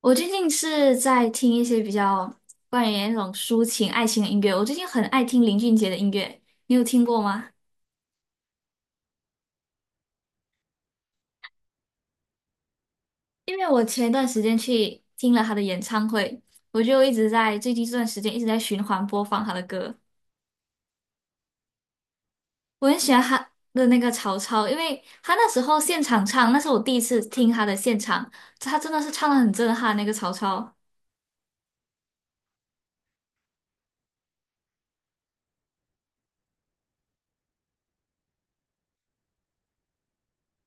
我最近是在听一些比较关于那种抒情爱情的音乐。我最近很爱听林俊杰的音乐，你有听过吗？因为我前一段时间去听了他的演唱会，我就一直在最近这段时间一直在循环播放他的歌。我很喜欢他的那个曹操，因为他那时候现场唱，那是我第一次听他的现场，他真的是唱的很震撼。那个曹操，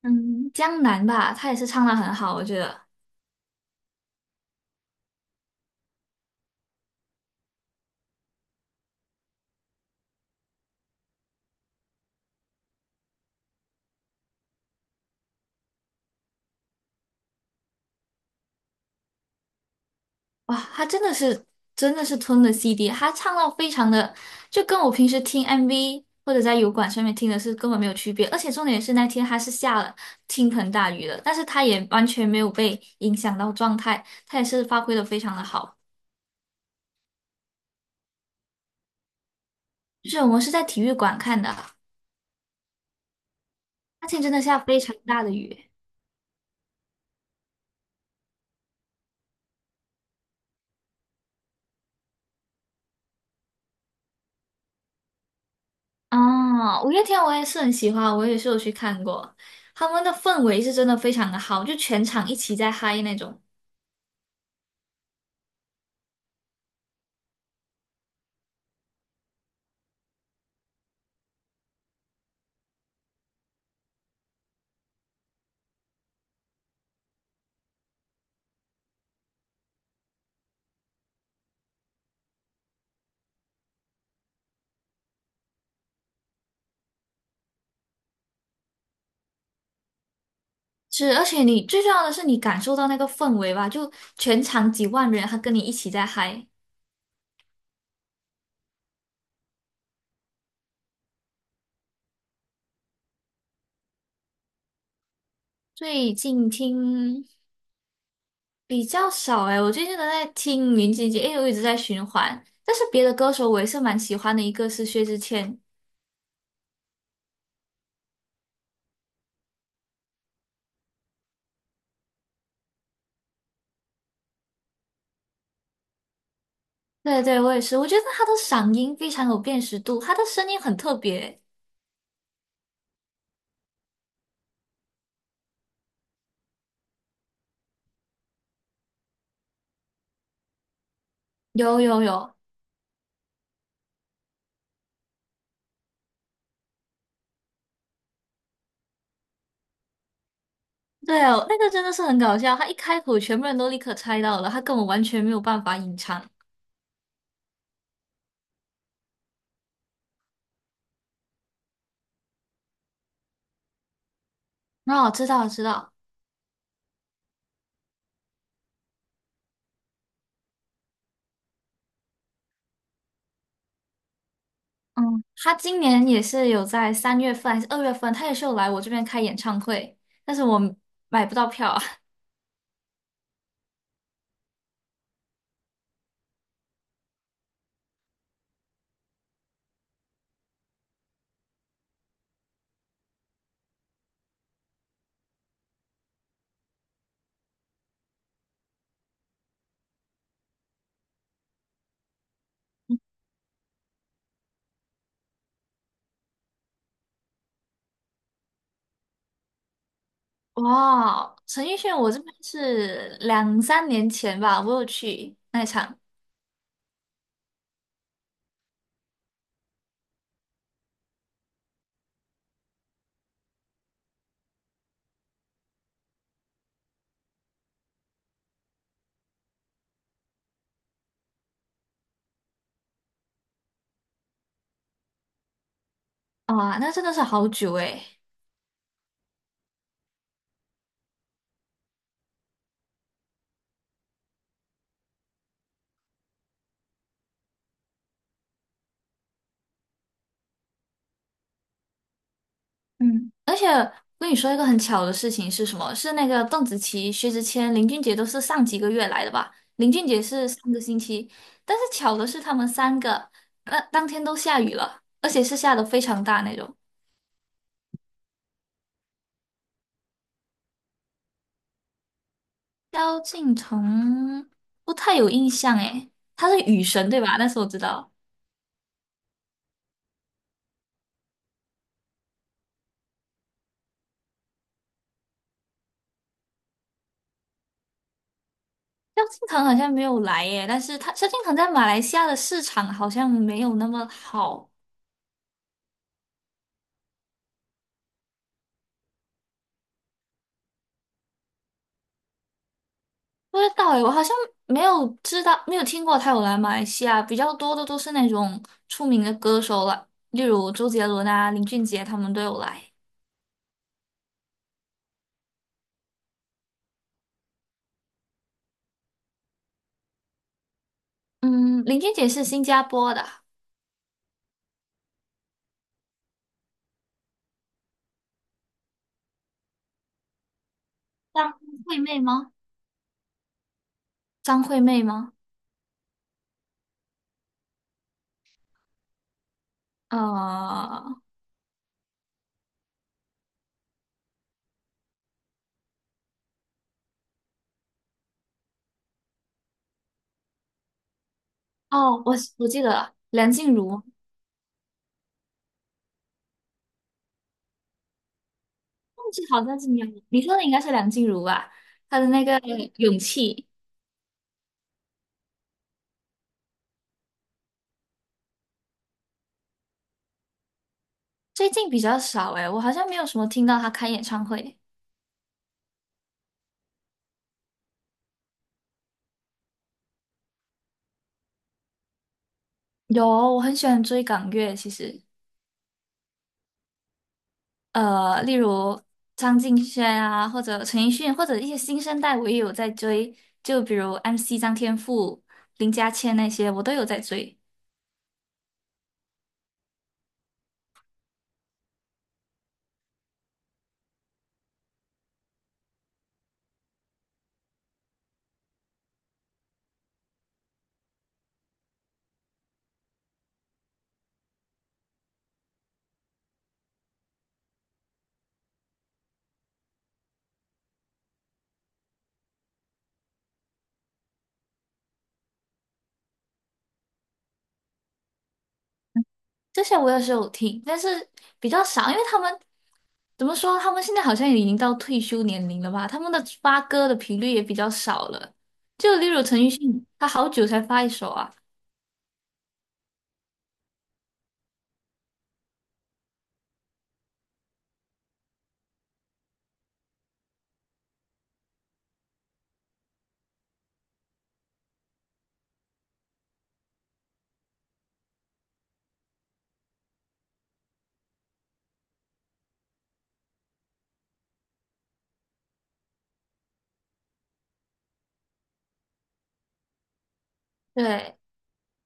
嗯，江南吧，他也是唱的很好，我觉得。哇，他真的是吞了 CD，他唱到非常的，就跟我平时听 MV 或者在油管上面听的是根本没有区别。而且重点是那天他是下了倾盆大雨的，但是他也完全没有被影响到状态，他也是发挥的非常的好。就是我们是在体育馆看的，那天真的下非常大的雨啊！五月天我也是很喜欢，我也是有去看过，他们的氛围是真的非常的好，就全场一起在嗨那种。是，而且你最重要的是你感受到那个氛围吧，就全场几万人，他跟你一起在嗨。最近听比较少诶，我最近都在听林俊杰，因为我一直在循环。但是别的歌手我也是蛮喜欢的，一个是薛之谦，对对，我也是，我觉得他的嗓音非常有辨识度，他的声音很特别。有有有，对哦，那个真的是很搞笑，他一开口全部人都立刻猜到了，他根本完全没有办法隐藏。哦，知道，我知道。嗯，他今年也是有在三月份还是二月份，他也是有来我这边开演唱会，但是我买不到票啊。哇，陈奕迅，我这边是两三年前吧，我有去那一场，啊，那真的是好久诶。嗯，而且我跟你说一个很巧的事情是什么？是那个邓紫棋、薛之谦、林俊杰都是上几个月来的吧？林俊杰是上个星期，但是巧的是他们三个，那当天都下雨了，而且是下的非常大那种。萧敬腾不太有印象诶，他是雨神对吧？但是我知道萧敬腾好像没有来耶，但是萧敬腾在马来西亚的市场好像没有那么好，不知道诶，我好像没有知道，没有听过他有来马来西亚，比较多的都是那种出名的歌手了，例如周杰伦啊、林俊杰他们都有来。嗯，林俊杰是新加坡的，张惠妹吗？张惠妹吗？呃，哦，我记得了，梁静茹。记好像是没有，你说的应该是梁静茹吧？她的那个《勇气》最近比较少诶，我好像没有什么听到她开演唱会。有，我很喜欢追港乐，其实例如张敬轩啊，或者陈奕迅，或者一些新生代，我也有在追，就比如 MC 张天赋、林家谦那些，我都有在追。这些我也是有听，但是比较少，因为他们怎么说？他们现在好像也已经到退休年龄了吧？他们的发歌的频率也比较少了。就例如陈奕迅，他好久才发一首啊。对，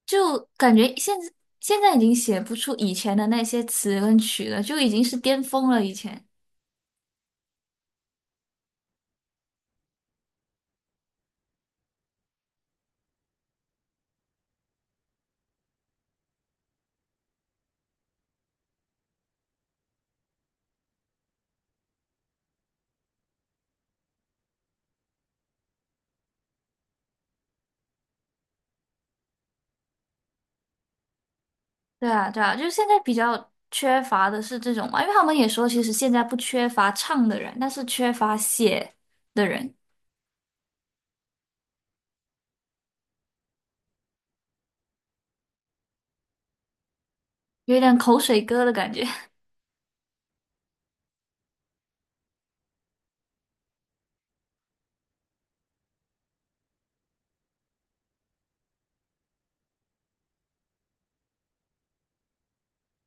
就感觉现在已经写不出以前的那些词跟曲了，就已经是巅峰了。以前，对啊，对啊，就是现在比较缺乏的是这种嘛，因为他们也说，其实现在不缺乏唱的人，但是缺乏写的人，有一点口水歌的感觉。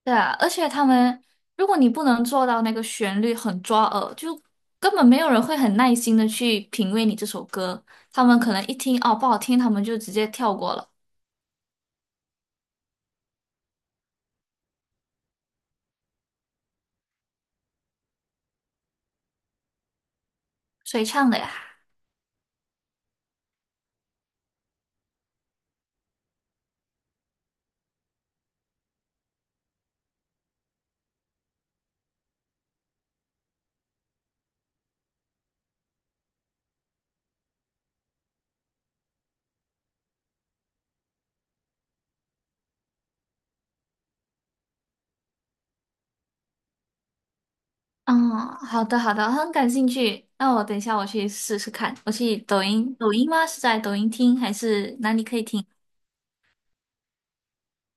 对啊，而且他们，如果你不能做到那个旋律很抓耳，就根本没有人会很耐心的去品味你这首歌。他们可能一听哦不好听，他们就直接跳过了。谁唱的呀？嗯，好的好的，很感兴趣。那我等一下我去试试看。我去抖音，抖音吗？是在抖音听还是哪里可以听？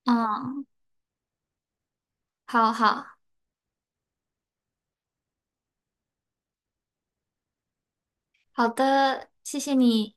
嗯，好好好的，谢谢你。